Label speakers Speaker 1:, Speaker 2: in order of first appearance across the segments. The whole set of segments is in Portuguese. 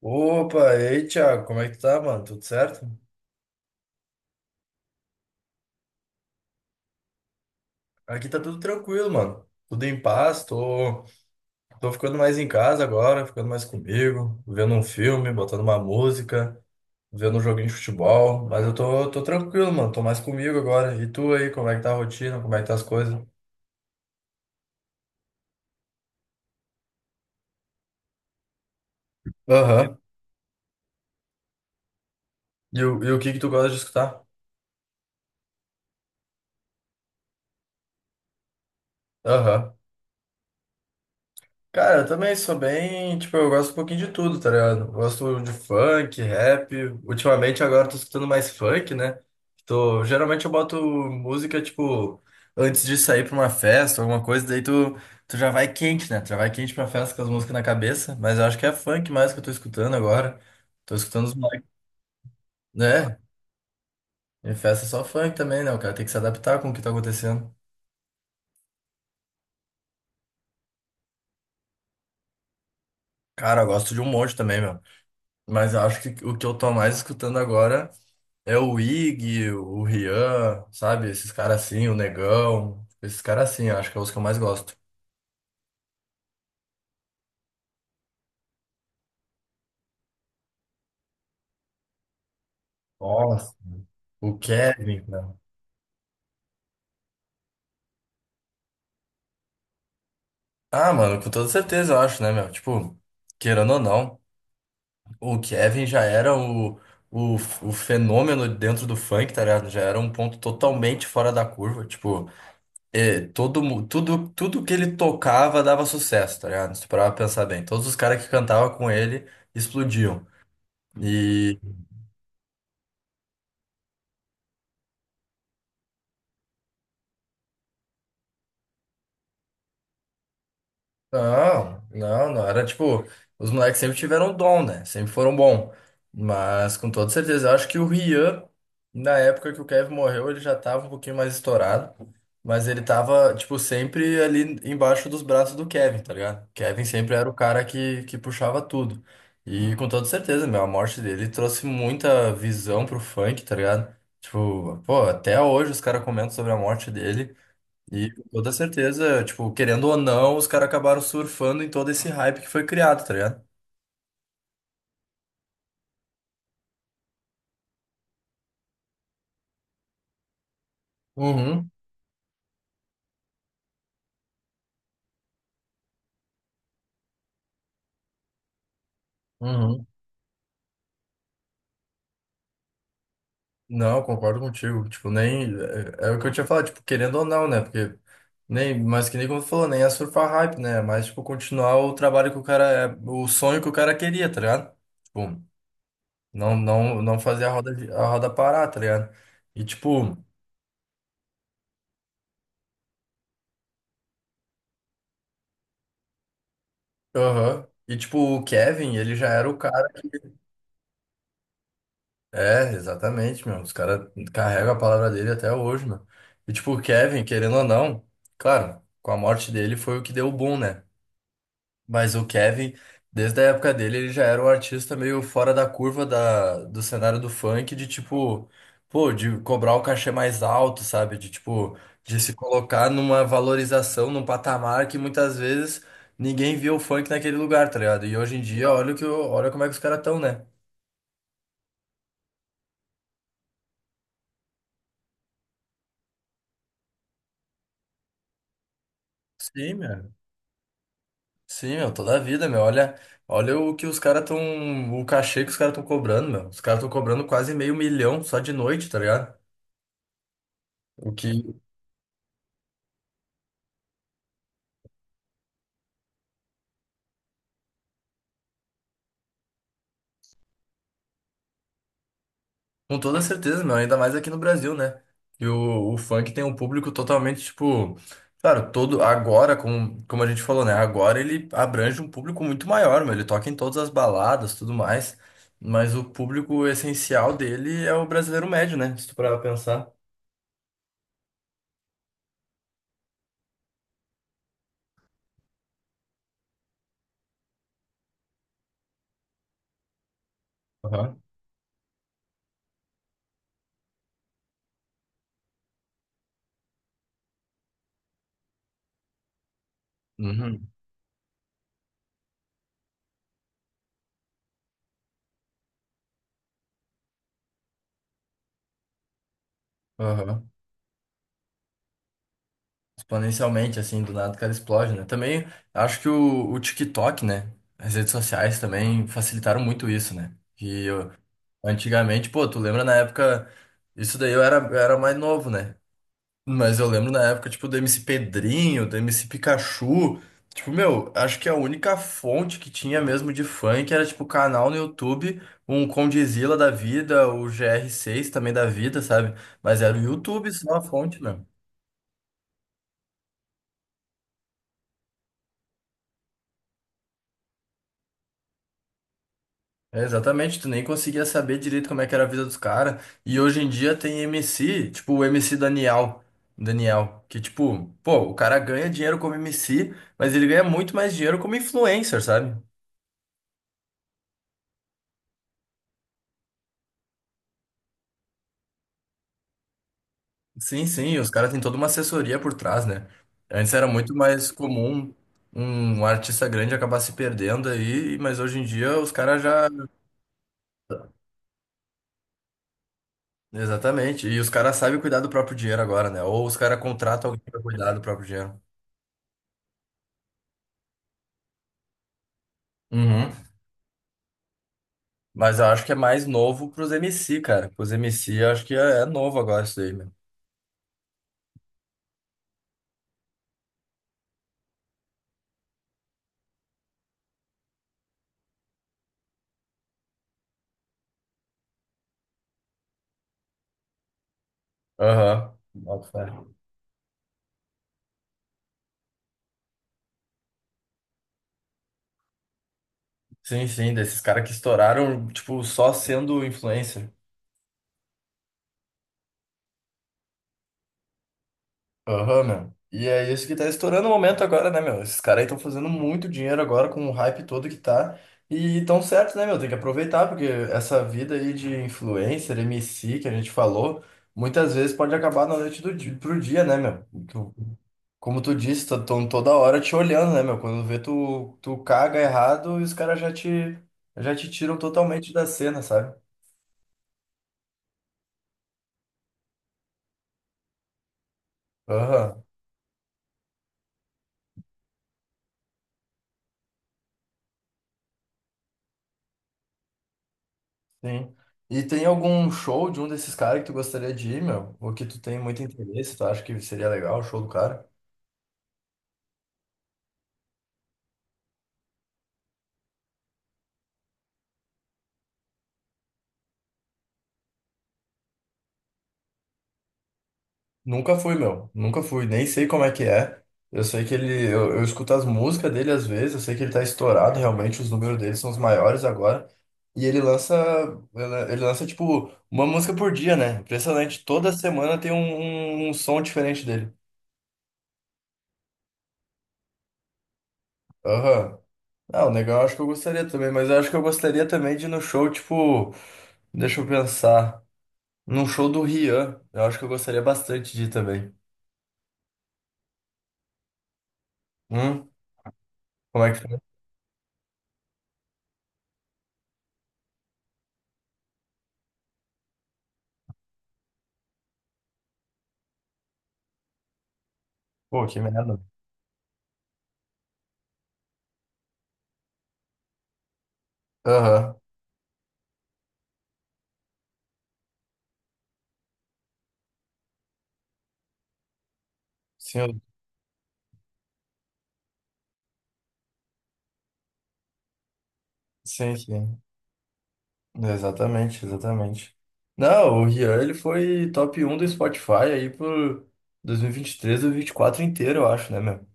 Speaker 1: Opa, e aí, Thiago, como é que tu tá, mano? Tudo certo? Aqui tá tudo tranquilo, mano. Tudo em paz. Tô ficando mais em casa agora, ficando mais comigo, vendo um filme, botando uma música, vendo um joguinho de futebol, mas eu tô tranquilo, mano, tô mais comigo agora. E tu aí, como é que tá a rotina, como é que tá as coisas? Aham. E o que que tu gosta de escutar? Aham. Cara, eu também sou bem, tipo, eu gosto um pouquinho de tudo, tá ligado? Eu gosto de funk, rap. Ultimamente agora eu tô escutando mais funk, né? Tô, geralmente eu boto música, tipo, antes de sair pra uma festa, alguma coisa, daí tu já vai quente, né? Tu já vai quente pra festa com as músicas na cabeça, mas eu acho que é funk mais que eu tô escutando agora. Tô escutando os moleques, né? Em festa é só funk também, né? O cara tem que se adaptar com o que tá acontecendo. Cara, eu gosto de um monte também, meu. Mas eu acho que o que eu tô mais escutando agora. É o Ig, o Rian, sabe? Esses caras assim, o Negão. Esses caras assim, eu acho que é os que eu mais gosto. Nossa. O Kevin, cara. Ah, mano, com toda certeza, eu acho, né, meu? Tipo, querendo ou não, o Kevin já era o fenômeno dentro do funk, tá ligado? Já era um ponto totalmente fora da curva. Tipo, é, tudo que ele tocava dava sucesso, tá ligado? Se tu parar pra pensar bem. Todos os caras que cantavam com ele explodiam. Não, não, não. Era tipo, os moleques sempre tiveram dom, né? Sempre foram bom. Mas com toda certeza, eu acho que o Rian, na época que o Kevin morreu, ele já tava um pouquinho mais estourado. Mas ele tava, tipo, sempre ali embaixo dos braços do Kevin, tá ligado? Kevin sempre era o cara que puxava tudo. E com toda certeza, meu, a morte dele trouxe muita visão pro funk, tá ligado? Tipo, pô, até hoje os caras comentam sobre a morte dele. E com toda certeza, tipo, querendo ou não, os caras acabaram surfando em todo esse hype que foi criado, tá ligado? Uhum, uhum. Não, eu concordo contigo. Tipo, nem. É, é o que eu tinha falado, tipo, querendo ou não, né? Porque. Nem, mas que nem como tu falou, nem é surfar hype, né? Mas, tipo, continuar o trabalho que o cara. É o sonho que o cara queria, tá ligado? Tipo, não, não, não fazer a roda, a roda parar, tá ligado? E, tipo. Aham. E, tipo, o Kevin, ele já era o cara. É, exatamente, meu. Os caras carregam a palavra dele até hoje, meu. E tipo, o Kevin, querendo ou não, claro, com a morte dele foi o que deu o boom, né? Mas o Kevin, desde a época dele, ele já era um artista meio fora da curva do cenário do funk, de tipo, pô, de cobrar o cachê mais alto, sabe? De tipo, de se colocar numa valorização, num patamar que muitas vezes ninguém via o funk naquele lugar, tá ligado? E hoje em dia, olha olha como é que os caras estão, né? Sim, meu. Sim, meu, toda a vida, meu. Olha, olha o que os caras estão. O cachê que os caras estão cobrando, meu. Os caras estão cobrando quase meio milhão só de noite, tá ligado? O que, com toda certeza, meu, ainda mais aqui no Brasil, né? E o funk tem um público totalmente, tipo. Claro, todo. Agora, como, como a gente falou, né? Agora ele abrange um público muito maior, meu. Ele toca em todas as baladas, tudo mais. Mas o público essencial dele é o brasileiro médio, né? Se tu parar pra pensar. Aham. Uhum. Aham. Exponencialmente, assim, do nada o cara explode, né? Também acho que o TikTok, né? As redes sociais também facilitaram muito isso, né? Que eu- antigamente, pô, tu lembra na época, isso daí eu era mais novo, né? Mas eu lembro na época, tipo, do MC Pedrinho, do MC Pikachu. Tipo, meu, acho que a única fonte que tinha mesmo de funk era, tipo, canal no YouTube, um Condizila da vida, o GR6 também da vida, sabe? Mas era o YouTube só a fonte, né? É, exatamente, tu nem conseguia saber direito como é que era a vida dos caras. E hoje em dia tem MC, tipo o MC Daniel, que tipo, pô, o cara ganha dinheiro como MC, mas ele ganha muito mais dinheiro como influencer, sabe? Sim, sim, e os caras têm toda uma assessoria por trás, né? Antes era muito mais comum um artista grande acabar se perdendo aí, mas hoje em dia os caras já. Exatamente, e os caras sabem cuidar do próprio dinheiro agora, né? Ou os caras contratam alguém pra cuidar do próprio dinheiro. Uhum. Mas eu acho que é mais novo pros MC cara. Pros MC, eu acho que é novo agora isso aí, meu. Aham. Bota fé. Sim, sim, desses caras que estouraram, tipo, só sendo influencer. Aham, meu. E é isso que tá estourando o momento agora, né, meu? Esses caras aí estão fazendo muito dinheiro agora com o hype todo que tá. E tão certo, né, meu? Tem que aproveitar, porque essa vida aí de influencer, MC que a gente falou, muitas vezes pode acabar na noite do dia, pro dia, né, meu? Como tu disse, estão toda hora te olhando, né, meu? Quando vê tu, tu caga errado e os caras já te tiram totalmente da cena, sabe? Aham, sim. E tem algum show de um desses caras que tu gostaria de ir, meu? Ou que tu tem muito interesse, tu acha que seria legal o show do cara? Nunca fui, meu. Nunca fui. Nem sei como é que é. Eu sei que ele. Eu escuto as músicas dele às vezes. Eu sei que ele tá estourado, realmente. Os números dele são os maiores agora. E ele lança. Ele lança, tipo, uma música por dia, né? Impressionante. Toda semana tem um som diferente dele. Aham. Ah, o Negão eu acho que eu gostaria também. Mas eu acho que eu gostaria também de ir no show, tipo. Deixa eu pensar. Num show do Rian. Eu acho que eu gostaria bastante de ir também. Hum? Como é que foi? Pô, que merda. Aham. Sim, sim, sim. Exatamente, exatamente. Não, o Rian, ele foi top um do Spotify aí por 2023 ou 2024 inteiro, eu acho, né, meu?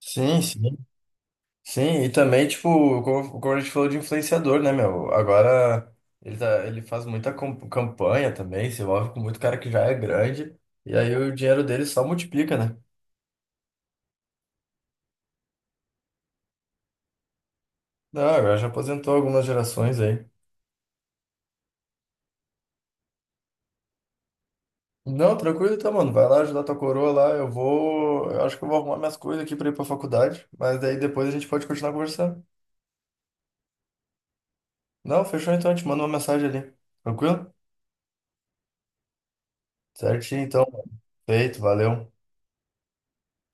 Speaker 1: Sim, sim. Sim, e também, tipo, como, como a gente falou de influenciador, né, meu? Agora ele, tá, ele faz muita campanha também, se envolve com muito cara que já é grande, e aí o dinheiro dele só multiplica, né? Não, agora já aposentou algumas gerações aí. Não, tranquilo então, mano. Vai lá ajudar tua coroa lá. Eu vou. Eu acho que eu vou arrumar minhas coisas aqui pra ir pra faculdade. Mas daí depois a gente pode continuar conversando. Não, fechou então. Eu te mando uma mensagem ali. Tranquilo? Certinho então. Feito, valeu.